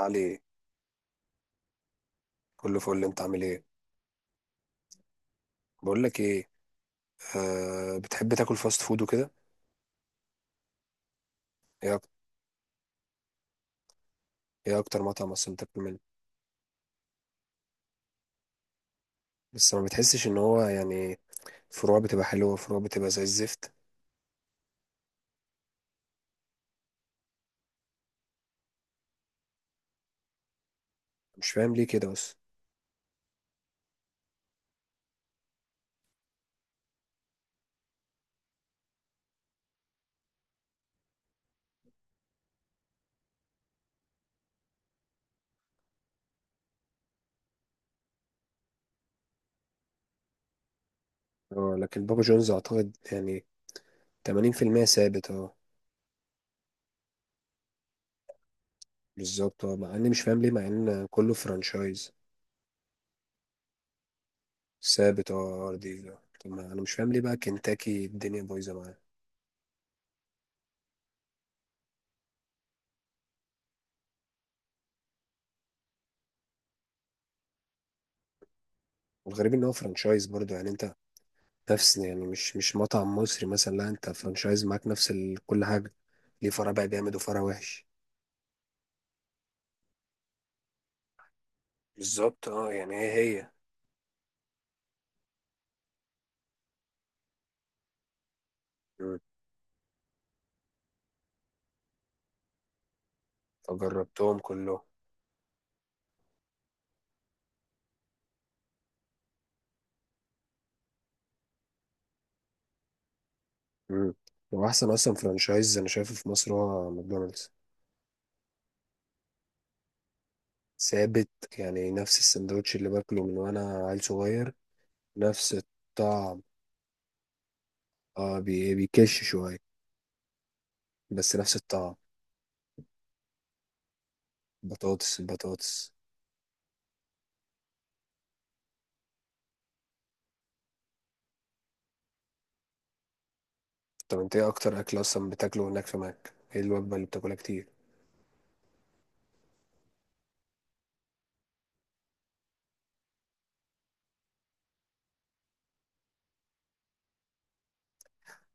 علي، كله فل. انت عامل ايه؟ بقول لك ايه، آه بتحب تاكل فاست فود وكده؟ ايه أك- ايه اكتر مطعم اصلا بتاكل منه؟ بس ما بتحسش ان هو يعني فروع بتبقى حلوه وفروع بتبقى زي الزفت. مش فاهم ليه كده بس. اه لكن بابا جونز اعتقد يعني 80% ثابت اه. بالظبط اه، مع اني مش فاهم ليه مع ان كله فرانشايز. ثابت اه ار دي. طب ما انا مش فاهم ليه بقى كنتاكي الدنيا بايظه معاه. والغريب ان هو فرانشايز برضه، يعني انت نفس، يعني مش مطعم مصري مثلا، لا انت فرانشايز معاك نفس ال... كل حاجة. ليه فرع بقى جامد وفرع وحش؟ بالظبط اه. يعني هي هي. مم. فجربتهم كلهم. مم. واحسن اصلا فرانشايز انا شايفه في مصر هو ماكدونالدز. ثابت. يعني نفس السندوتش اللي باكله من وانا عيل صغير. نفس الطعم. اه بيكش شوية. بس نفس الطعم. بطاطس البطاطس. طب انت ايه اكتر اكل اصلا بتاكله هناك في ماك؟ ايه الوجبة اللي بتاكلها كتير؟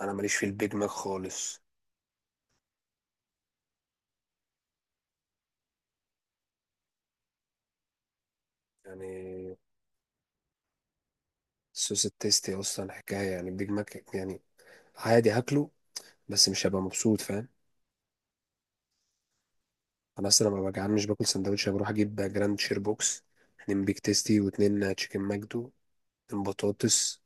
انا ماليش في البيج ماك خالص. يعني الصوص التيستي اصلا حكايه، يعني البيج ماك يعني عادي هاكله، بس مش هبقى مبسوط، فاهم. انا اصلا لما ببقى جعان مش باكل سندوتش، أنا بروح اجيب جراند شير بوكس، اتنين بيج تيستي واتنين تشيكن ماجدو، اتنين بطاطس.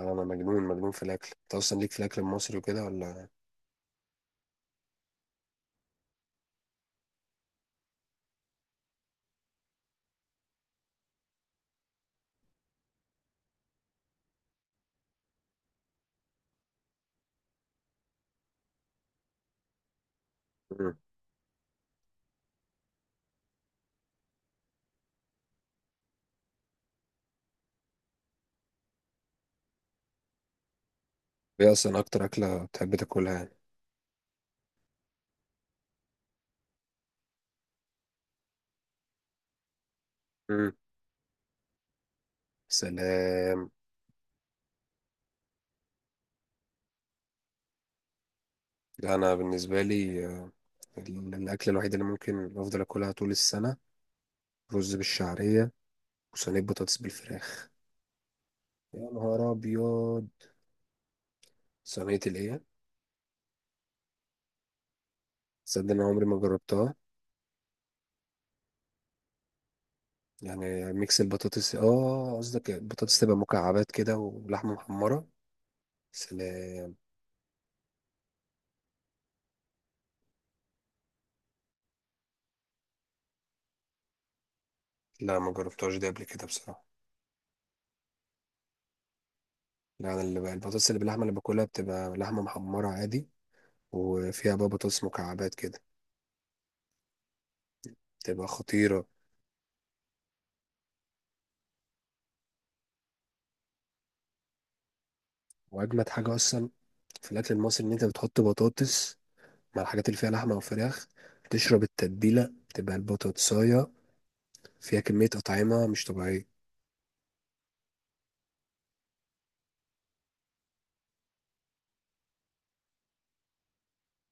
أنا مجنون مجنون في الاكل. انت اصلا ليك في الاكل المصري وكده ولا؟ مم. ايه اصلا اكتر اكله بتحب تاكلها يعني؟ مم. سلام. لا انا بالنسبه لي، الاكل الوحيد اللي ممكن افضل اكلها طول السنه، رز بالشعريه وصينيه بطاطس بالفراخ. يا نهار ابيض، صينيه الايه؟ تصدق ان عمري ما جربتها. يعني ميكس البطاطس، اه قصدك البطاطس تبقى مكعبات كده ولحمه محمره. سلام. لا ما جربتهاش دي قبل كده بصراحه. لا انا اللي بقى البطاطس اللي باللحمه اللي باكلها بتبقى لحمه محمره عادي، وفيها بقى بطاطس مكعبات كده، بتبقى خطيره. واجمد حاجه اصلا في الاكل المصري ان انت بتحط بطاطس مع الحاجات اللي فيها لحمه او فراخ، تشرب التتبيله، تبقى البطاطسايه فيها كميه اطعمه مش طبيعيه.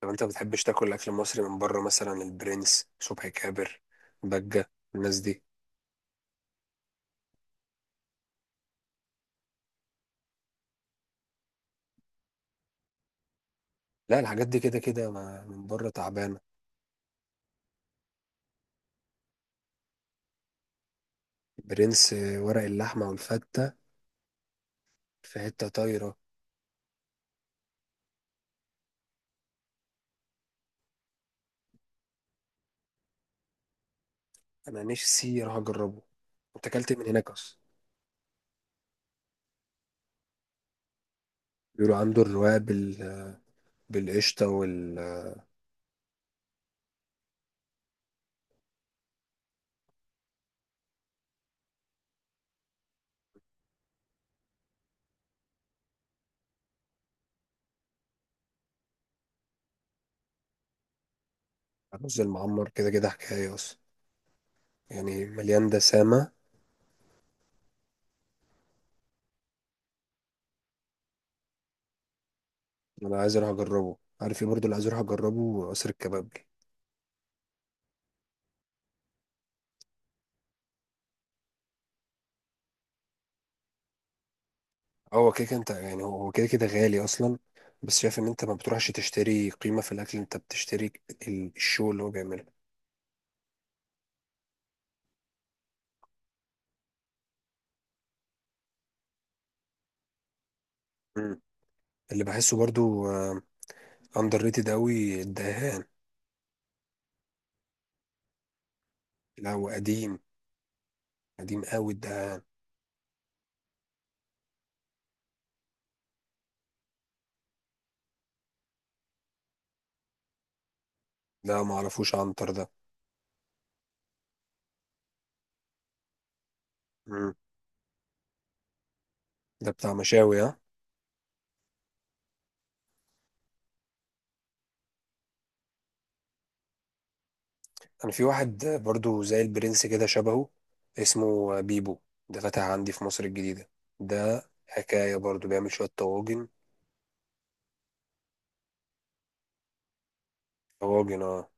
لو انت بتحبش تاكل اكل مصري من بره، مثلا البرنس، صبحي كابر، بجة، الناس دي. لا الحاجات دي كده كده من بره تعبانة. برنس، ورق اللحمة والفتة، في حتة طايرة. انا نفسي اروح اجربه. انت اكلت إيه من هناك اصلا؟ بيقولوا عنده الرواق بالقشطة والرز. المعمر كده كده حكاية اصلا. يعني مليان دسامة. انا عايز اروح اجربه. عارف ايه برضه اللي عايز اروح اجربه؟ قصر الكباب. هو كده كده انت، يعني هو كده كده غالي اصلا، بس شايف ان انت ما بتروحش تشتري قيمة في الاكل، انت بتشتري الشو اللي هو بيعمله. مم. اللي بحسه برضو اندر ريتد قوي الدهان. لا هو قديم، قديم قوي الدهان. لا ما اعرفوش عنتر ده. مم. ده بتاع مشاوي ها. انا في واحد، برضو زي البرنس كده شبهه، اسمه بيبو. ده فتح عندي في مصر الجديدة. ده حكاية برضو، بيعمل شوية طواجن. طواجن اه.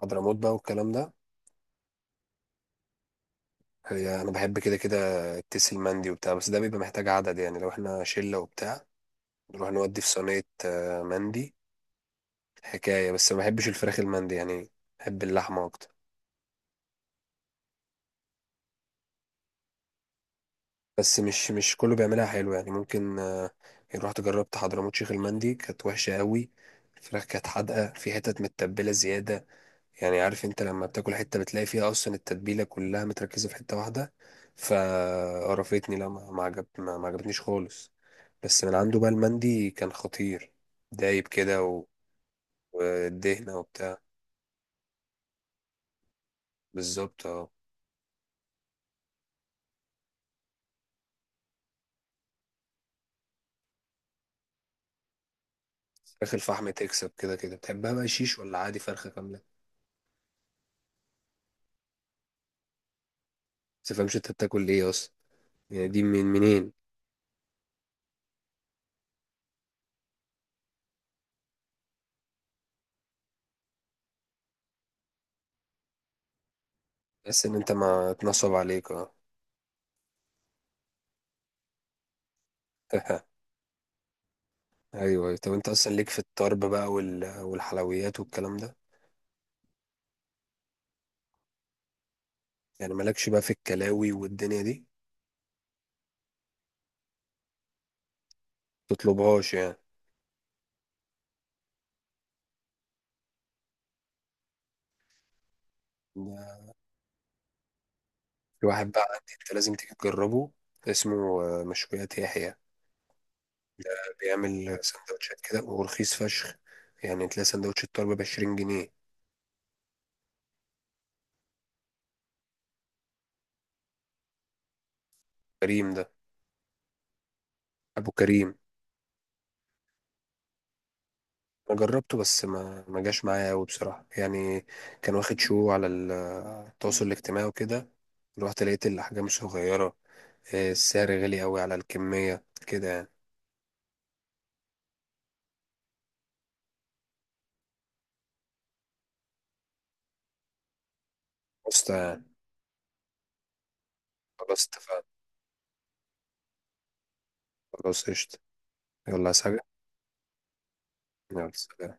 حضرموت بقى والكلام ده. هي انا بحب كده كده التيس المندي وبتاع، بس ده بيبقى محتاج عدد. يعني لو احنا شله وبتاع نروح نودي في صينيه مندي حكايه. بس ما بحبش الفراخ المندي يعني، بحب اللحمه اكتر. بس مش كله بيعملها حلو. يعني ممكن، يعني رحت جربت حضرموت شيخ المندي، كانت وحشه قوي. الفراخ كانت حادقه، في حتت متبله زياده. يعني عارف انت لما بتاكل حتة بتلاقي فيها اصلا التتبيلة كلها متركزة في حتة واحدة، فقرفتني. لا ما عجبتنيش خالص. بس من عنده بقى المندي كان خطير، دايب كده والدهنة وبتاع. بالظبط اه. فراخ الفحم تكسب كده كده. بتحبها بقى شيش ولا عادي فرخة كاملة؟ بس متفهمش انت بتاكل ايه اصلا. يعني دي من منين؟ بس ان انت ما اتنصب عليك اه. ايوه. طب انت اصلا ليك في الطرب بقى والحلويات والكلام ده؟ يعني مالكش بقى في الكلاوي والدنيا دي؟ تطلبهاش يعني. ده في واحد بقى عندي، انت لازم تيجي تجربه، اسمه مشويات يحيى. بيعمل سندوتشات كده ورخيص فشخ. يعني تلاقي سندوتش الطرب ب 20 جنيه. كريم ده. ابو كريم. انا جربته بس ما جاش معايا قوي بصراحه يعني. كان واخد شو على التواصل الاجتماعي وكده. رحت لقيت الاحجام صغيره، السعر غالي قوي على الكميه كده يعني. بس. خلاص اتفقنا. خلاص قشطه. يلا، عايز حاجه؟ يلا سلام.